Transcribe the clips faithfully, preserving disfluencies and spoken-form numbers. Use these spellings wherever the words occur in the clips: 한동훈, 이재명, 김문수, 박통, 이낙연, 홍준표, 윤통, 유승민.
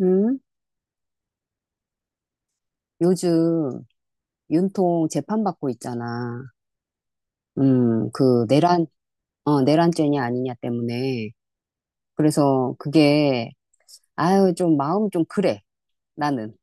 음, 요즘 윤통 재판받고 있잖아. 음, 그 내란, 어, 내란죄냐 아니냐 때문에. 그래서 그게, 아유, 좀 마음 좀 그래, 나는.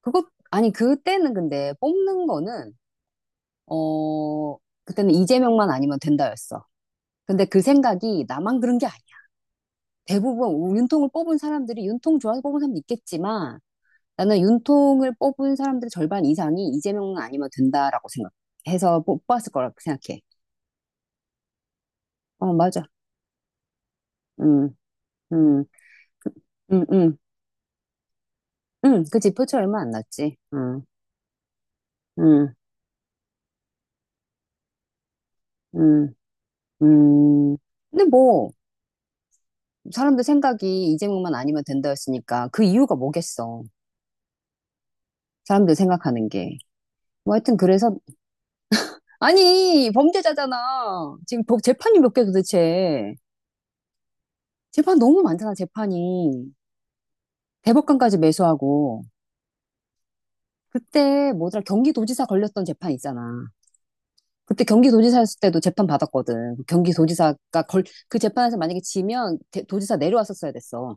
그것, 아니, 그때는 근데 뽑는 거는, 어, 그때는 이재명만 아니면 된다였어. 근데 그 생각이 나만 그런 게 아니야. 대부분 우- 윤통을 뽑은 사람들이 윤통 좋아서 뽑은 사람도 있겠지만, 나는 윤통을 뽑은 사람들의 절반 이상이 이재명은 아니면 된다라고 생각해서 뽑았을 거라고 생각해. 어, 맞아. 음. 음. 음. 음. 음, 그치. 표치 얼마 안 났지. 음. 음. 음. 음. 근데 뭐, 사람들 생각이 이재명만 아니면 된다였으니까 그 이유가 뭐겠어. 사람들 생각하는 게. 뭐 하여튼 그래서, 아니, 범죄자잖아. 지금 법- 재판이 몇 개 도대체. 재판 너무 많잖아, 재판이. 대법관까지 매수하고. 그때 뭐더라, 경기도지사 걸렸던 재판 있잖아. 그때 경기도지사였을 때도 재판 받았거든. 경기도지사가 걸, 그 재판에서 만약에 지면 대- 도지사 내려왔었어야 됐어.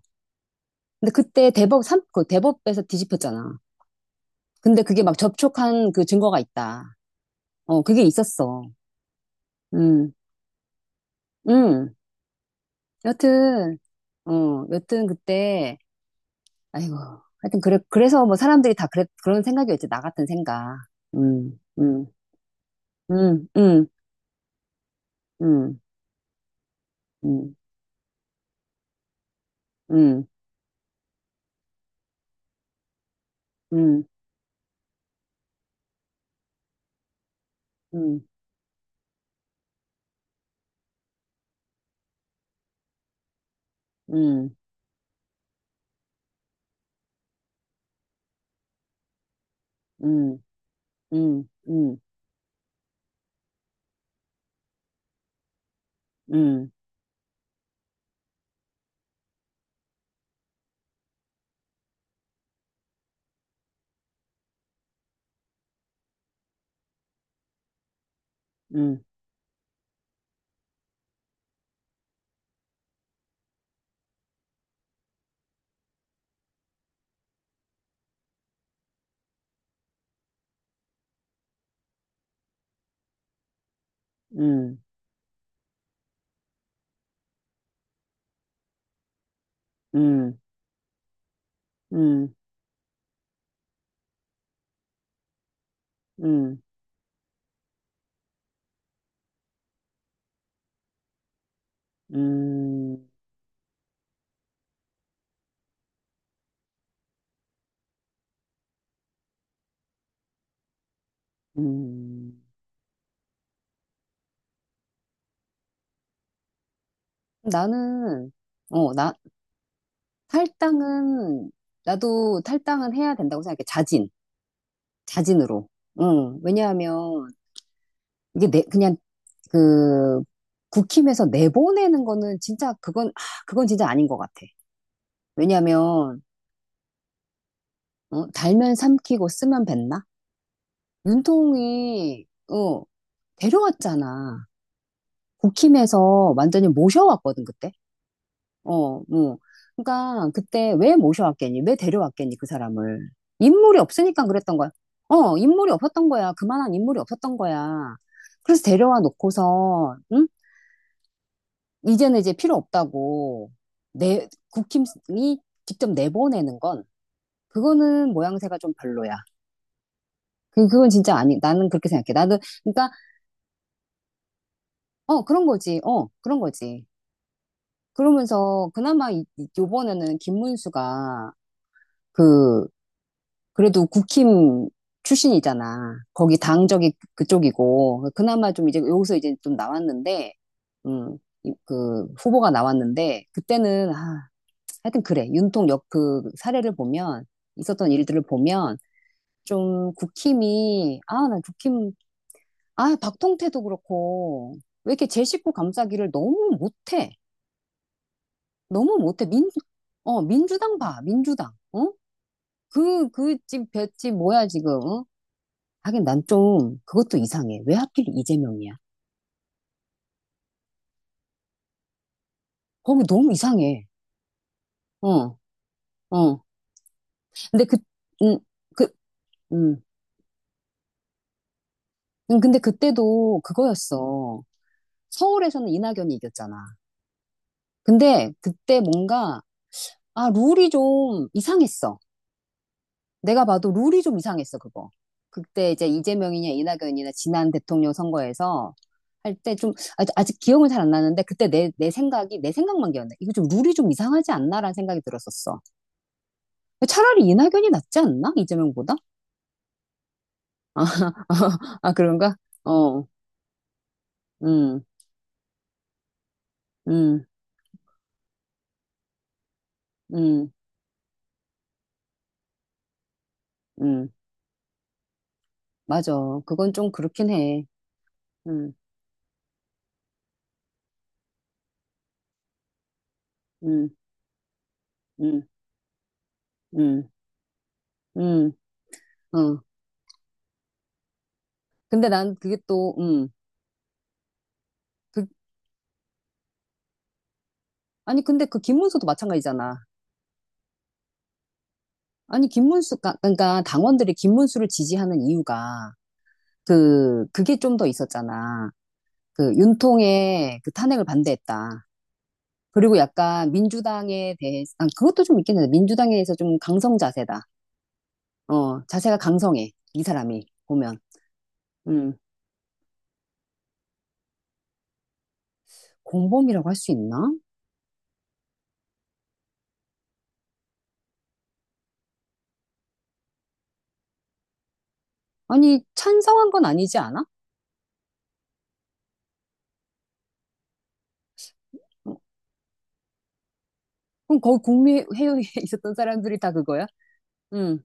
근데 그때 대법, 삼, 그 대법에서 뒤집혔잖아. 근데 그게 막 접촉한 그 증거가 있다. 어, 그게 있었어. 음. 음. 여튼, 어, 여튼 그때, 아이고, 하여튼 그래, 그래서 뭐 사람들이 다 그랬, 그런 생각이었지. 나 같은 생각. 음. 음. 음. 음. 음. 음. 음. 음. 음. 음. 음. 음. 음. 음. 음. 음. 음. 음. 음. 음. 음. 나는, 어, 나, 탈당은, 나도 탈당은 해야 된다고 생각해. 자진. 자진으로. 응. 왜냐하면, 이게 내, 그냥, 그, 국힘에서 내보내는 거는 진짜, 그건, 아, 그건 진짜 아닌 것 같아. 왜냐하면, 어, 달면 삼키고 쓰면 뱉나? 윤통이, 어, 데려왔잖아. 국힘에서 완전히 모셔왔거든, 그때. 어, 뭐. 그러니까 그때 왜 모셔왔겠니? 왜 데려왔겠니, 그 사람을. 인물이 없으니까 그랬던 거야. 어, 인물이 없었던 거야. 그만한 인물이 없었던 거야. 그래서 데려와 놓고서, 응? 이제는 이제 필요 없다고. 내, 국힘이 직접 내보내는 건, 그거는 모양새가 좀 별로야. 그, 그건 진짜 아니, 나는 그렇게 생각해. 나도, 그러니까, 어, 그런 거지. 어, 그런 거지. 그러면서 그나마 이, 이번에는 김문수가 그, 그래도 국힘 출신이잖아. 거기 당적이 그쪽이고. 그나마 좀 이제 여기서 이제 좀 나왔는데, 음, 이- 그 후보가 나왔는데, 그때는, 아, 하여튼 그래. 윤통역 그 사례를 보면, 있었던 일들을 보면, 좀 국힘이, 아, 난 국힘, 아, 박통태도 그렇고, 왜 이렇게 제 식구 감싸기를 너무 못해. 너무 못해. 민, 어, 민주당 봐, 민주당. 어? 그, 그 집, 볏집 뭐야, 지금. 어? 하긴 난 좀 그것도 이상해. 왜 하필 이재명이야? 거기 너무 이상해. 어, 어. 근데 그, 음, 그, 음. 음, 근데 그때도 그거였어. 서울에서는 이낙연이 이겼잖아. 근데 그때 뭔가, 아, 룰이 좀 이상했어. 내가 봐도 룰이 좀 이상했어, 그거. 그때 이제 이재명이냐 이낙연이냐 지난 대통령 선거에서 할 때 좀, 아직, 아직 기억은 잘 안 나는데 그때 내, 내 생각이, 내 생각만 기억나. 이거 좀 룰이 좀 이상하지 않나라는 생각이 들었었어. 차라리 이낙연이 낫지 않나? 이재명보다? 아, 아, 그런가? 어. 음. 음. 음. 음, 맞아. 그건 좀 그렇긴 해. 음. 음. 음. 음. 음. 어. 근데 난 그게 또, 음, 그, 아니, 근데 그 김문수도 마찬가지잖아. 아니, 김문수, 가- 그러니까 당원들이 김문수를 지지하는 이유가 그, 그게 좀 더 있었잖아. 그 윤통의 그 탄핵을 반대했다. 그리고 약간 민주당에 대해서, 아, 그것도 좀 있긴 한데, 민주당에서 좀 강성 자세다. 어, 자세가 강성해. 이 사람이, 보면. 음, 공범이라고 할 수 있나? 아니, 찬성한 건 아니지 않아? 어, 그럼 거기 국민회의에 있었던 사람들이 다 그거야? 음,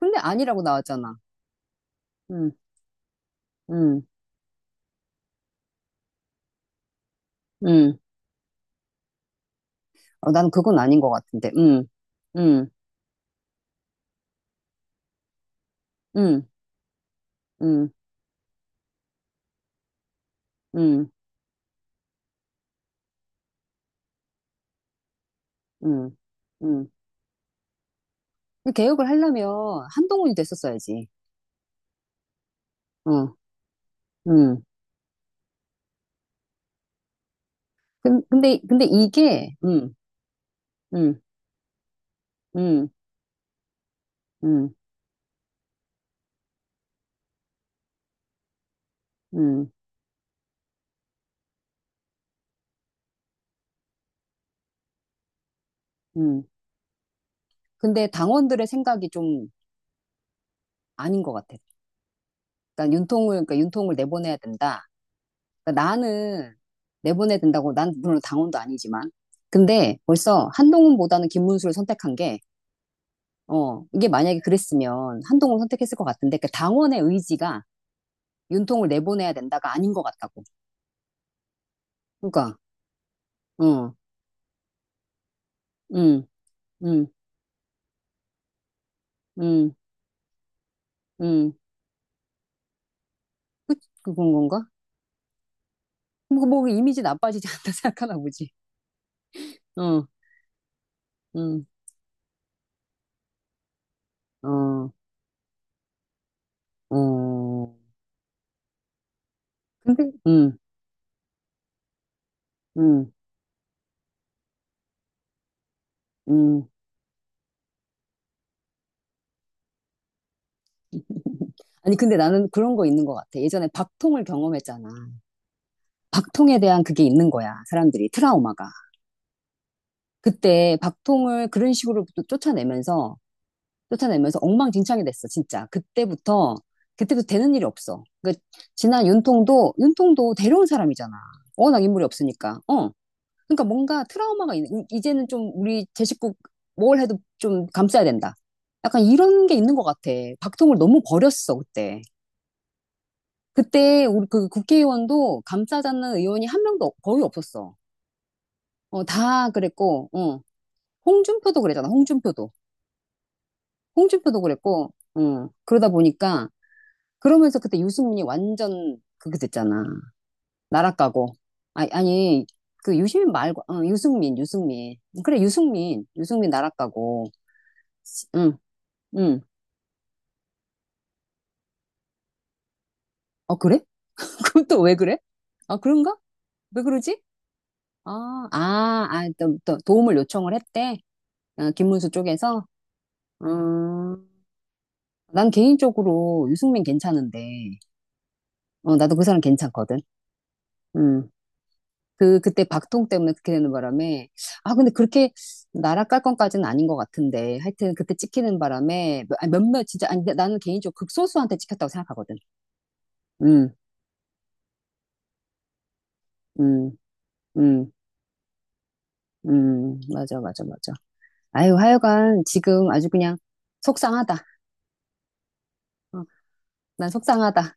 근데 아니라고 나왔잖아. 음. 음. 음. 어, 난 그건 아닌 것 같은데. 음. 음. 음. 음. 음. 음. 음. 개혁을 하려면 한동훈이 됐었어야지. 어. 음. 근- 근데, 근데 이게, 음, 음, 음, 음, 음, 음. 근데 당원들의 생각이 좀 아닌 것 같아. 그러니까 윤통을, 그러니까 윤통을 내보내야 된다. 그러니까 나는 내보내야 된다고, 난 물론 당원도 아니지만. 근데 벌써 한동훈보다는 김문수를 선택한 게, 어, 이게 만약에 그랬으면 한동훈 선택했을 것 같은데, 그 당원의 의지가 윤통을 내보내야 된다가 아닌 것 같다고. 그러니까, 어, 음, 음, 음, 음, 그건 건가? 뭐, 뭐 이미지 나빠지지 않다 생각하나 보지. 어. 음. 어. 어. 근데, 음, 음, 음. 아니, 근데 나는 그런 거 있는 것 같아. 예전에 박통을 경험했잖아. 박통에 대한 그게 있는 거야. 사람들이 트라우마가. 그때 박통을 그런 식으로 또 쫓아내면서, 쫓아내면서 엉망진창이 됐어, 진짜. 그때부터, 그때부터 되는 일이 없어. 그, 지난 윤통도, 윤통도 데려온 사람이잖아. 워낙 인물이 없으니까. 어. 그러니까 뭔가 트라우마가 있는, 이- 이제는 좀 우리 제 식구 뭘 해도 좀 감싸야 된다. 약간 이런 게 있는 것 같아. 박통을 너무 버렸어, 그때. 그때 우리 그 국회의원도 감싸자는 의원이 한 명도 없- 거의 없었어. 어, 다 그랬고, 어. 홍준표도 그랬잖아, 홍준표도. 홍준표도 그랬고, 어. 그러다 보니까, 그러면서 그때 유승민이 완전 그게 됐잖아. 날아가고. 아, 아니, 그 유시민 말고, 어, 유승민, 유승민. 그래, 유승민. 유승민 날아가고. 응, 응. 어, 그래? 그럼 또 왜 그래? 아, 그런가? 왜 그러지? 아, 아, 아, 또, 또 도움을 요청을 했대. 어, 김문수 쪽에서. 음, 난 개인적으로 유승민 괜찮은데. 어, 나도 그 사람 괜찮거든. 음. 그, 그때 박통 때문에 그렇게 되는 바람에. 아, 근데 그렇게 나락 깔 건까지는 아닌 것 같은데. 하여튼 그때 찍히는 바람에 몇- 아니, 몇몇 진짜, 아니, 근데 나는 개인적으로 극소수한테 찍혔다고 생각하거든. 음. 음. 음. 음. 맞아, 맞아, 맞아. 아유, 하여간 지금 아주 그냥 속상하다. 어, 난 속상하다.